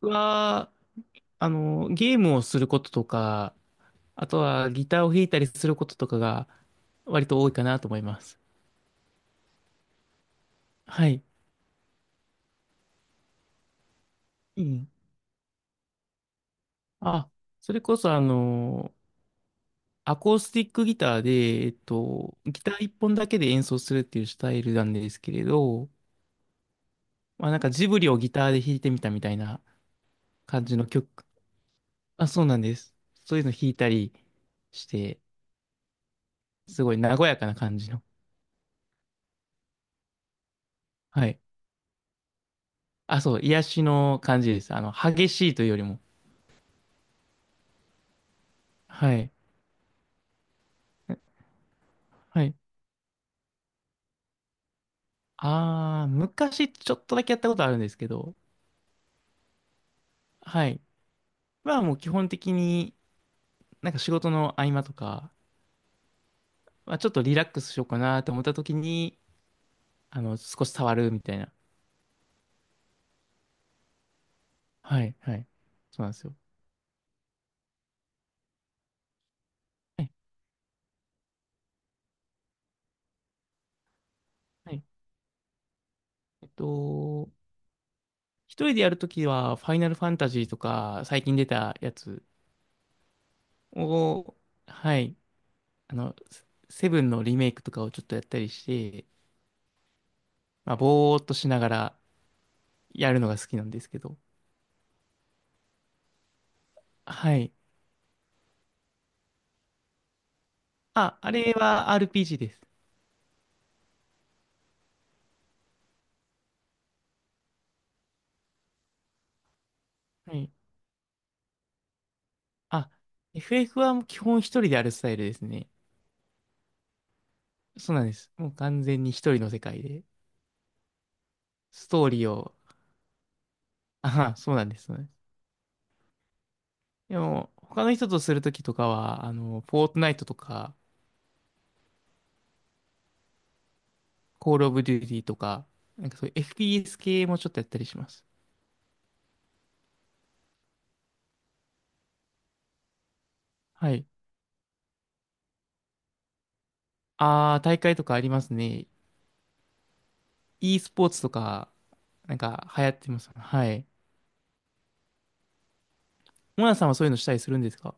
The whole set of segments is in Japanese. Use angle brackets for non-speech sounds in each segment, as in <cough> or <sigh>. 僕は、ゲームをすることとか、あとはギターを弾いたりすることとかが割と多いかなと思います。はい。うん。あ、それこそアコースティックギターで、ギター一本だけで演奏するっていうスタイルなんですけれど、まあなんかジブリをギターで弾いてみたみたいな感じの曲。あ、そうなんです。そういうの弾いたりして、すごい和やかな感じの。はい。あ、そう、癒しの感じです。激しいというよりも。はい。はい。ああ、昔ちょっとだけやったことあるんですけど、はい。まあもう基本的になんか仕事の合間とか、まあちょっとリラックスしようかなと思った時に、少し触るみたいな。はい、はい。そうなんですよ。はい、はい。えっと、一人でやるときは、ファイナルファンタジーとか、最近出たやつを、はい。あの、セセブンのリメイクとかをちょっとやったりして、まあぼーっとしながらやるのが好きなんですけど、はい。あ、あれは RPG です。はい。あ、FF はもう基本一人でやるスタイルですね。そうなんです。もう完全に一人の世界で、ストーリーを、あは、そうなんです。そうなんです。でも、他の人とするときとかは、フォートナイトとか、コールオブデューティーとか、なんかそういう FPS 系もちょっとやったりします。はい。あー、大会とかありますね。e スポーツとか、なんか流行ってます。はい。モナさんはそういうのしたりするんですか？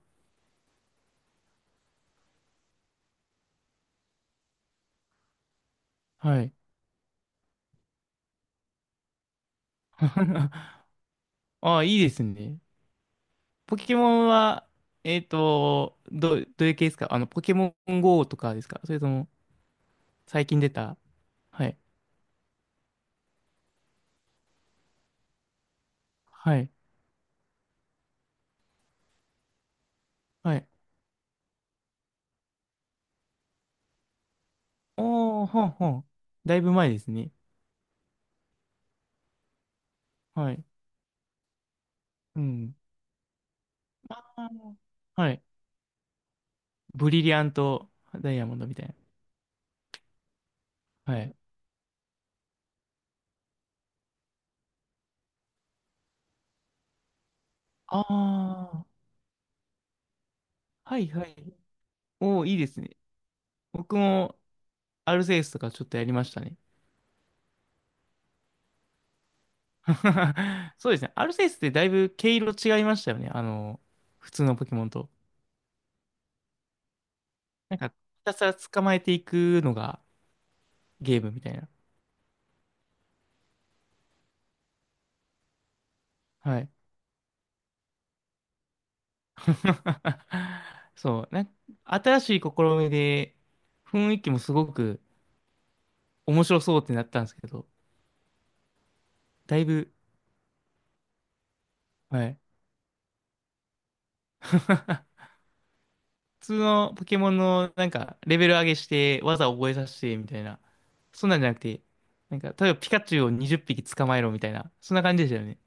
はい。<laughs> あー、いいですね。ポケモンは、どういう系ですか？ポケモン GO とかですか？それとも、最近出た。はい。はい。はい。おー、ほんほん。だいぶ前ですね。はい。うん。あーはい。ブリリアントダイヤモンドみたいな。はい。ああはいはい。おー、いいですね。僕も、アルセウスとかちょっとやりましたね。<laughs> そうですね。アルセウスってだいぶ毛色違いましたよね。普通のポケモンと。なんか、ひたすら捕まえていくのがゲームみたいな。はい。<laughs> そう、なんか新しい試みで、雰囲気もすごく面白そうってなったんですけど、だいぶ、はい。<laughs> 普通のポケモンのなんかレベル上げして技を覚えさせてみたいな、そんなんじゃなくて、なんか例えばピカチュウを20匹捕まえろみたいな、そんな感じでしたよね。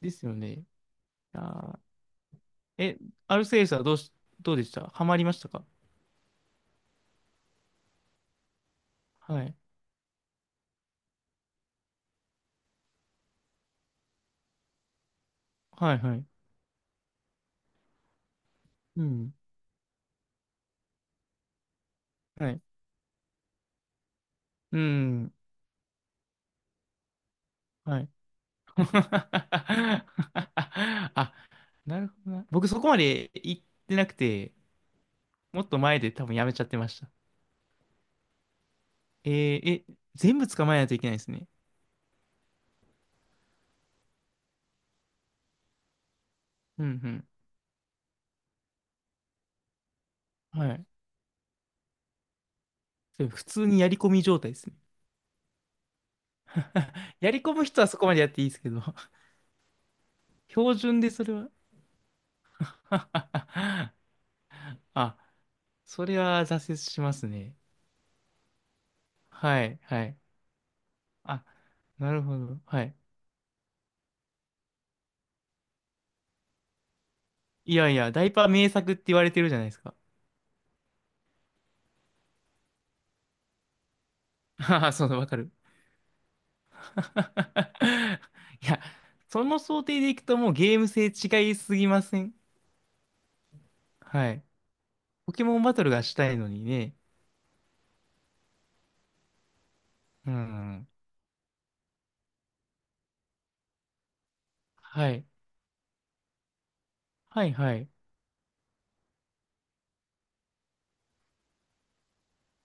ですよね。あー、え、アルセウスはどうでした？ハマりましたか？はい。はいはい。うん。はいうん。はい。<laughs> あ、なるほどな。僕そこまで行ってなくて、もっと前で多分やめちゃってました。え、全部捕まえないといけないですね。うんうん。はい。で普通にやり込み状態ですね。<laughs> やり込む人はそこまでやっていいですけど、<laughs> 標準でそれは <laughs> あ、それは挫折しますね。はい、はい。あ、なるほど。はい。いやいや、ダイパー名作って言われてるじゃないですか。<laughs> ああ、そうだ、わかる。<laughs> いや、その想定でいくともうゲーム性違いすぎません？はい。ポケモンバトルがしたいのにね。うん。はい。はい、はい。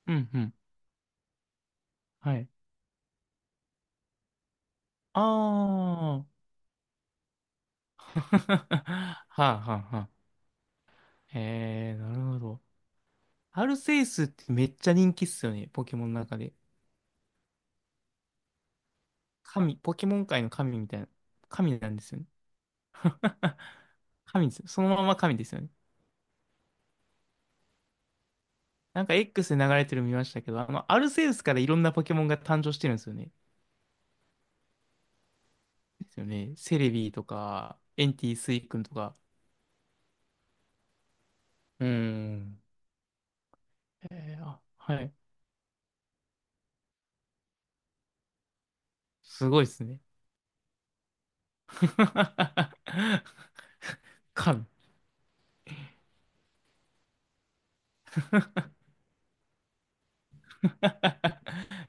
うん、うん。はい。ああ。<laughs> はあ、はあ、はあ。へえ、なるほど。アルセウスってめっちゃ人気っすよね、ポケモンの中で。神、ポケモン界の神みたいな。神なんですよね。<laughs> 神ですよ。そのまま神ですよね。なんか X で流れてるの見ましたけど、アルセウスからいろんなポケモンが誕生してるんですよね。ですよね。セレビーとか、エンティスイ君とか。うん。あ、はい。すごいですね。<laughs> 神。<laughs>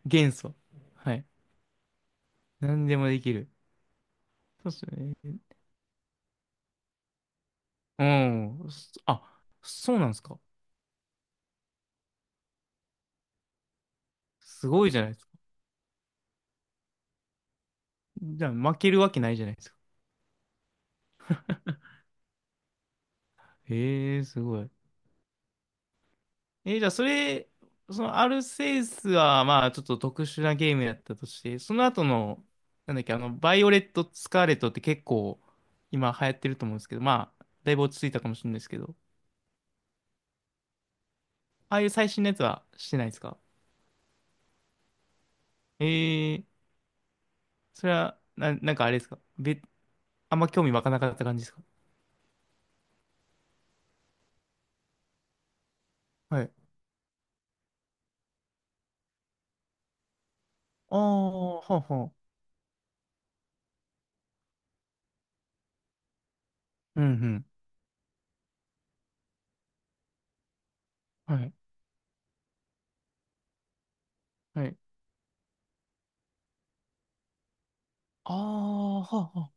元素。はい。何でもできる。そうですよね。うん。そうなんですか？すごいじゃないですか。じゃあ負けるわけないじゃないですか。へえ、すごい。じゃあそのアルセウスはまあちょっと特殊なゲームやったとして、その後の、なんだっけ、バイオレット・スカーレットって結構今流行ってると思うんですけど、まあ、だいぶ落ち着いたかもしれないですけど、ああいう最新のやつはしてないですか？えー、それは、なんかあれですか？あんま興味湧かなかった感じですか？はい。ああ、はあはあ。うんうん。はい。はい。ああ、はあは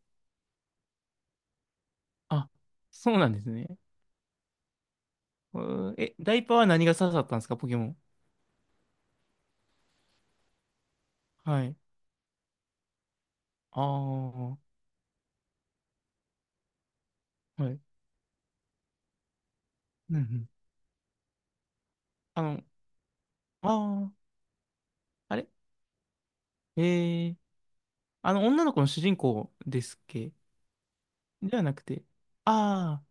あ。あ、そうなんですね。え、ダイパーは何が刺さったんですか、ポケモン。はい。ああ、はい。うんうん。あの、ああ、あれええー、女の子の主人公ですっけ？ではなくて、あ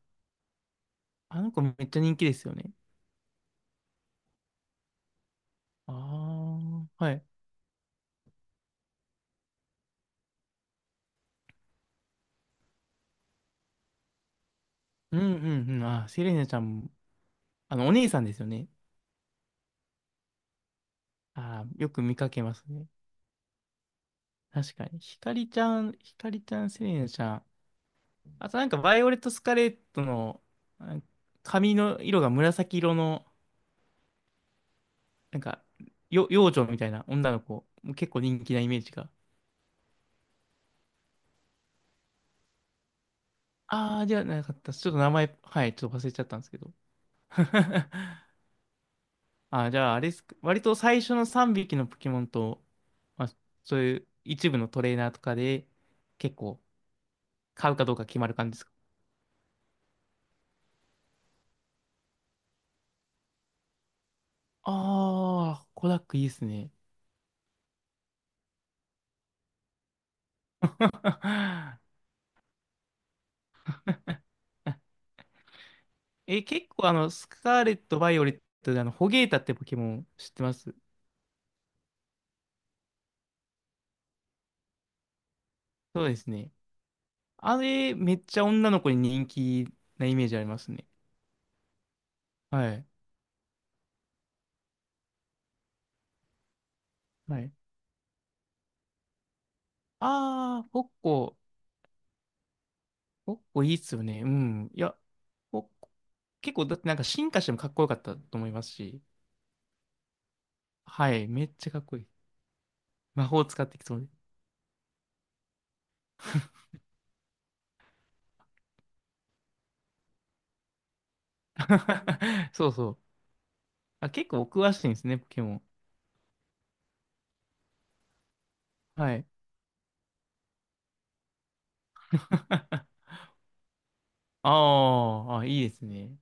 あ、あの子めっちゃ人気ですよね。ああ、はい。うんうんうん。あー、セレーナちゃんも、お姉さんですよね。ああ、よく見かけますね。確かに。ひかりちゃん、ひかりちゃん、セレーナちゃん。あとなんか、バイオレット・スカレットの、あ、髪の色が紫色の、なんか、幼女みたいな女の子、結構人気なイメージが。ああ、じゃあなかったです。ちょっと名前、はい、ちょっと忘れちゃったんですけど。<laughs> ああ、じゃあ、あれですか。割と最初の3匹のポケモンと、まあ、そういう一部のトレーナーとかで、結構買うかどうか決まる感じですか？ああー、コダックいいですね。<laughs> え、結構スカーレット、バイオレットでホゲータってポケモン知ってます？そうですね。あれ、めっちゃ女の子に人気なイメージありますね。はい。はい。ああ、ポッコ。ポッコいいっすよね。うん。いや、ポッコ結構、だってなんか進化してもかっこよかったと思いますし。はい。めっちゃかっこいい。魔法使ってきそうで。<laughs> そうそう。あ、結構お詳しいんですね、ポケモン。はい。<laughs> あーあ、いいですね。